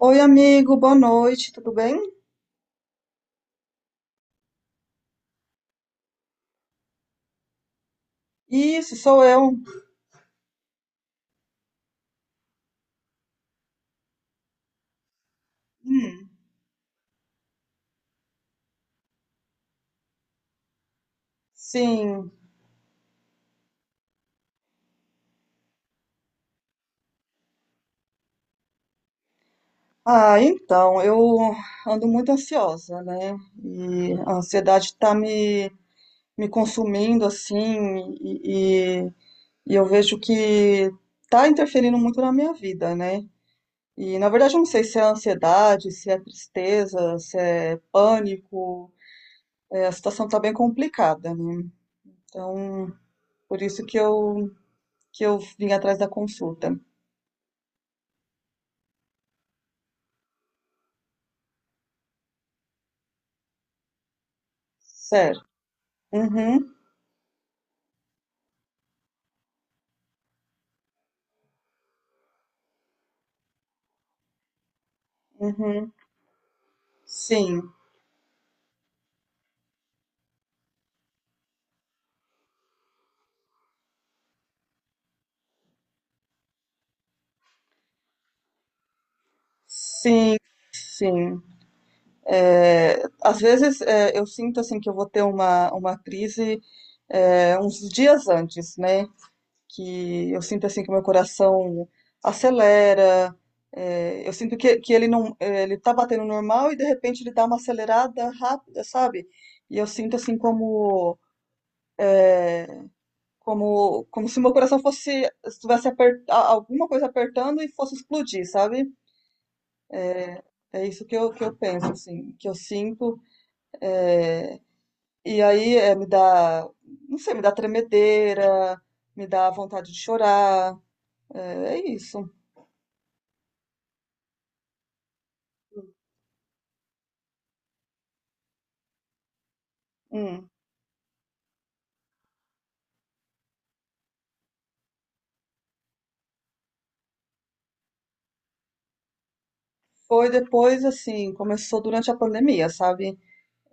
Oi, amigo, boa noite, tudo bem? Isso, sou eu. Hum, sim. Ah, então, eu ando muito ansiosa, né? E a ansiedade tá me consumindo, assim, e, e, e eu vejo que tá interferindo muito na minha vida, né? E, na verdade, eu não sei se é ansiedade, se é tristeza, se é pânico. É, a situação tá bem complicada, né? Então, por isso que eu vim atrás da consulta. Certo. Uhum, uhum. Sim, sim, sim. É, às vezes eu sinto assim que eu vou ter uma crise uns dias antes, né? Que eu sinto assim que meu coração acelera. É, eu sinto que ele não, ele tá batendo normal e de repente ele dá uma acelerada rápida, sabe? E eu sinto assim como se meu coração fosse estivesse alguma coisa apertando e fosse explodir, sabe? É isso que eu penso, assim, que eu sinto. E aí me dá, não sei, me dá tremedeira, me dá vontade de chorar. É, é isso. Hum. Foi depois, assim, começou durante a pandemia, sabe?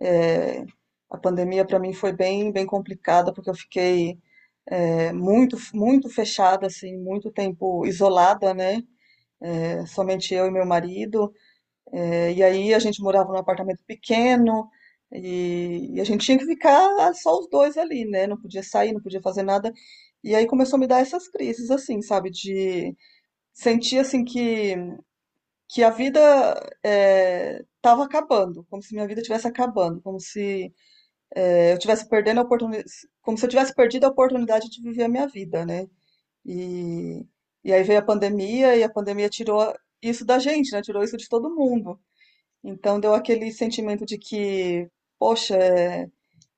É, a pandemia para mim foi bem, bem complicada, porque eu fiquei muito, muito fechada, assim, muito tempo isolada, né? É, somente eu e meu marido. É, e aí a gente morava num apartamento pequeno e a gente tinha que ficar só os dois ali, né? Não podia sair, não podia fazer nada. E aí começou a me dar essas crises, assim, sabe? De sentir, assim, que a vida tava acabando, como se minha vida estivesse acabando, como se eu estivesse perdendo a oportunidade, como se eu tivesse perdido a oportunidade de viver a minha vida, né? E, e aí veio a pandemia e a pandemia tirou isso da gente, né? Tirou isso de todo mundo. Então deu aquele sentimento de que, poxa,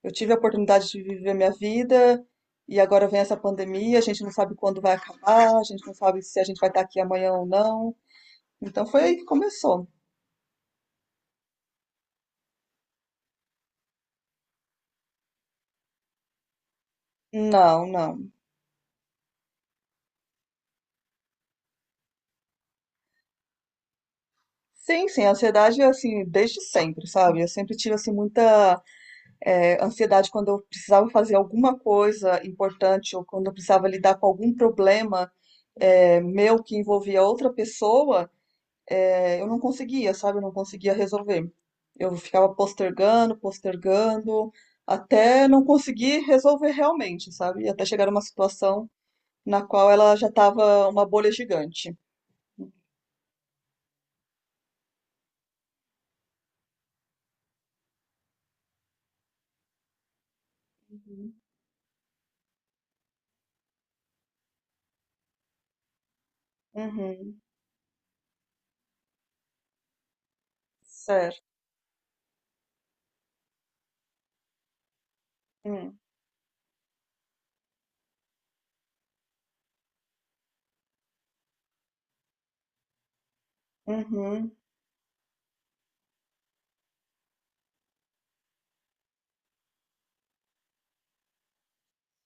eu tive a oportunidade de viver minha vida e agora vem essa pandemia, a gente não sabe quando vai acabar, a gente não sabe se a gente vai estar aqui amanhã ou não. Então foi aí que começou. Não, não. Sim, sim, a ansiedade é assim, desde sempre, sabe? Eu sempre tive assim muita ansiedade quando eu precisava fazer alguma coisa importante ou quando eu precisava lidar com algum problema meu que envolvia outra pessoa. É, eu não conseguia, sabe? Eu não conseguia resolver. Eu ficava postergando, postergando, até não conseguir resolver realmente, sabe? Até chegar numa situação na qual ela já estava uma bolha gigante. Uhum. Uhum. Certo. Hum. Uhum.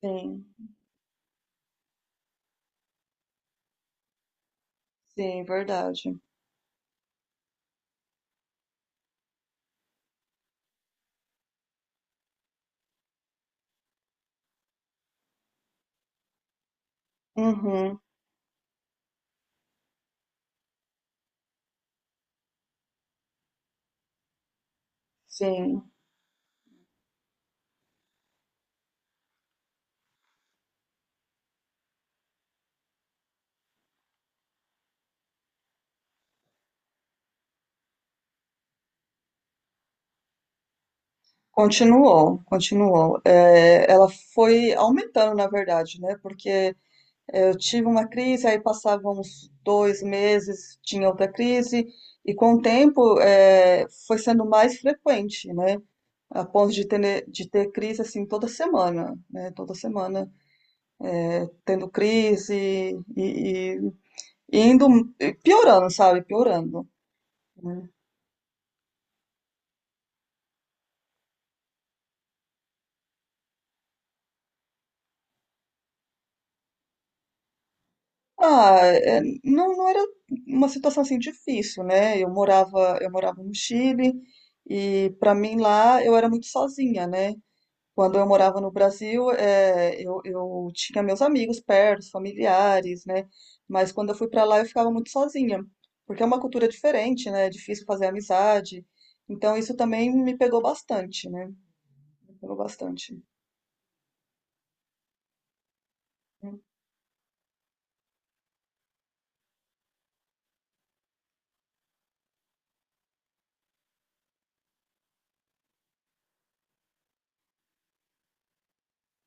Sim. Sim, verdade. Uhum. Sim. Continuou, continuou. Ela foi aumentando, na verdade, né? Porque eu tive uma crise, aí passava uns dois meses, tinha outra crise, e com o tempo foi sendo mais frequente, né? A ponto de ter crise assim toda semana, né? Toda semana tendo crise e- e indo piorando, sabe? Piorando, né? Ah, não, não era uma situação assim difícil, né? Eu morava no Chile e para mim lá eu era muito sozinha, né? Quando eu morava no Brasil, eu tinha meus amigos perto, familiares, né? Mas quando eu fui para lá eu ficava muito sozinha, porque é uma cultura diferente, né? É difícil fazer amizade. Então isso também me pegou bastante, né? Me pegou bastante.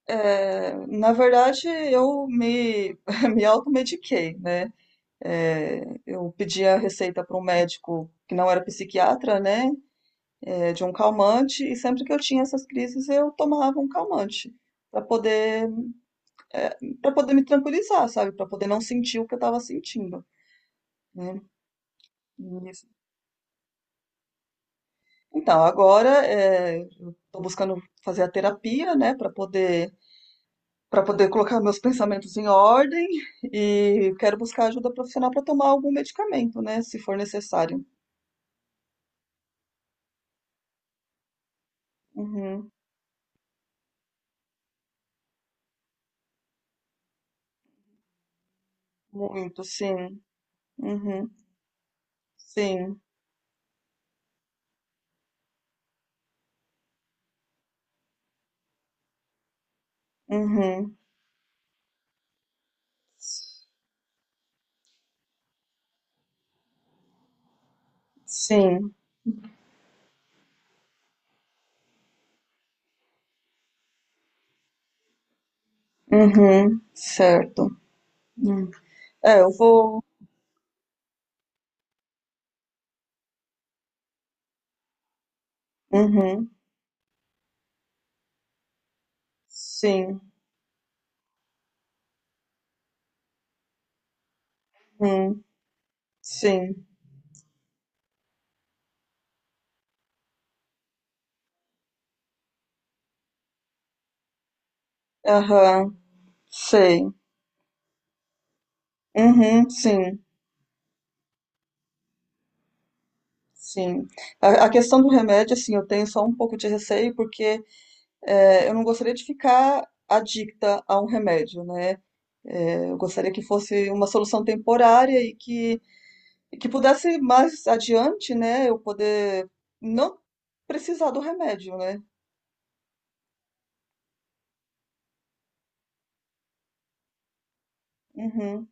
É, na verdade, eu me, me automediquei, né? É, eu pedi a receita para um médico que não era psiquiatra, né, de um calmante, e sempre que eu tinha essas crises eu tomava um calmante para poder para poder me tranquilizar, sabe, para poder não sentir o que eu estava sentindo, né? E isso- Então agora eu estou buscando fazer a terapia, né, para poder colocar meus pensamentos em ordem e quero buscar ajuda profissional para tomar algum medicamento, né, se for necessário. Uhum, muito, sim. Uhum. Sim. Uhum. Sim. Uhum. Certo. Hum. É, eu vou. Uhum. Sim. Uhum. Sim. Aham. Sei. Uhum. Sim. Sim. A questão do remédio, assim, eu tenho só um pouco de receio, porque eu não gostaria de ficar adicta a um remédio, né? É, eu gostaria que fosse uma solução temporária e que pudesse mais adiante, né, eu poder não precisar do remédio, né? Uhum,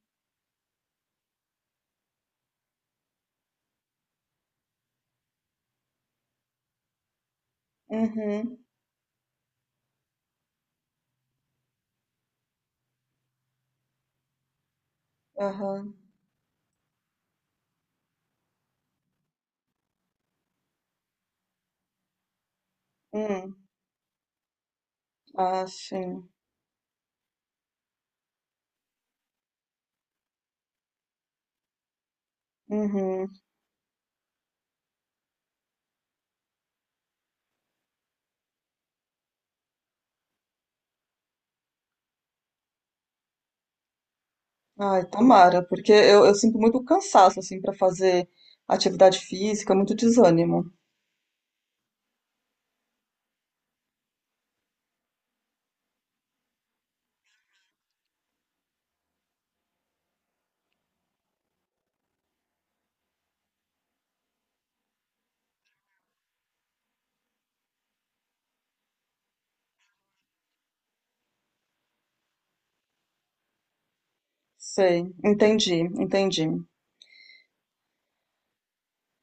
uhum, aham, hum, ah, sim, uhum, ai, tomara, porque eu sinto muito cansaço, assim, para fazer atividade física, muito desânimo, sei, entendi, entendi,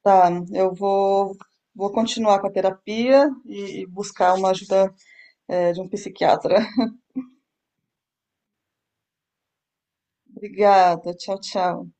tá, eu vou continuar com a terapia e buscar uma ajuda, de um psiquiatra, obrigada, tchau, tchau.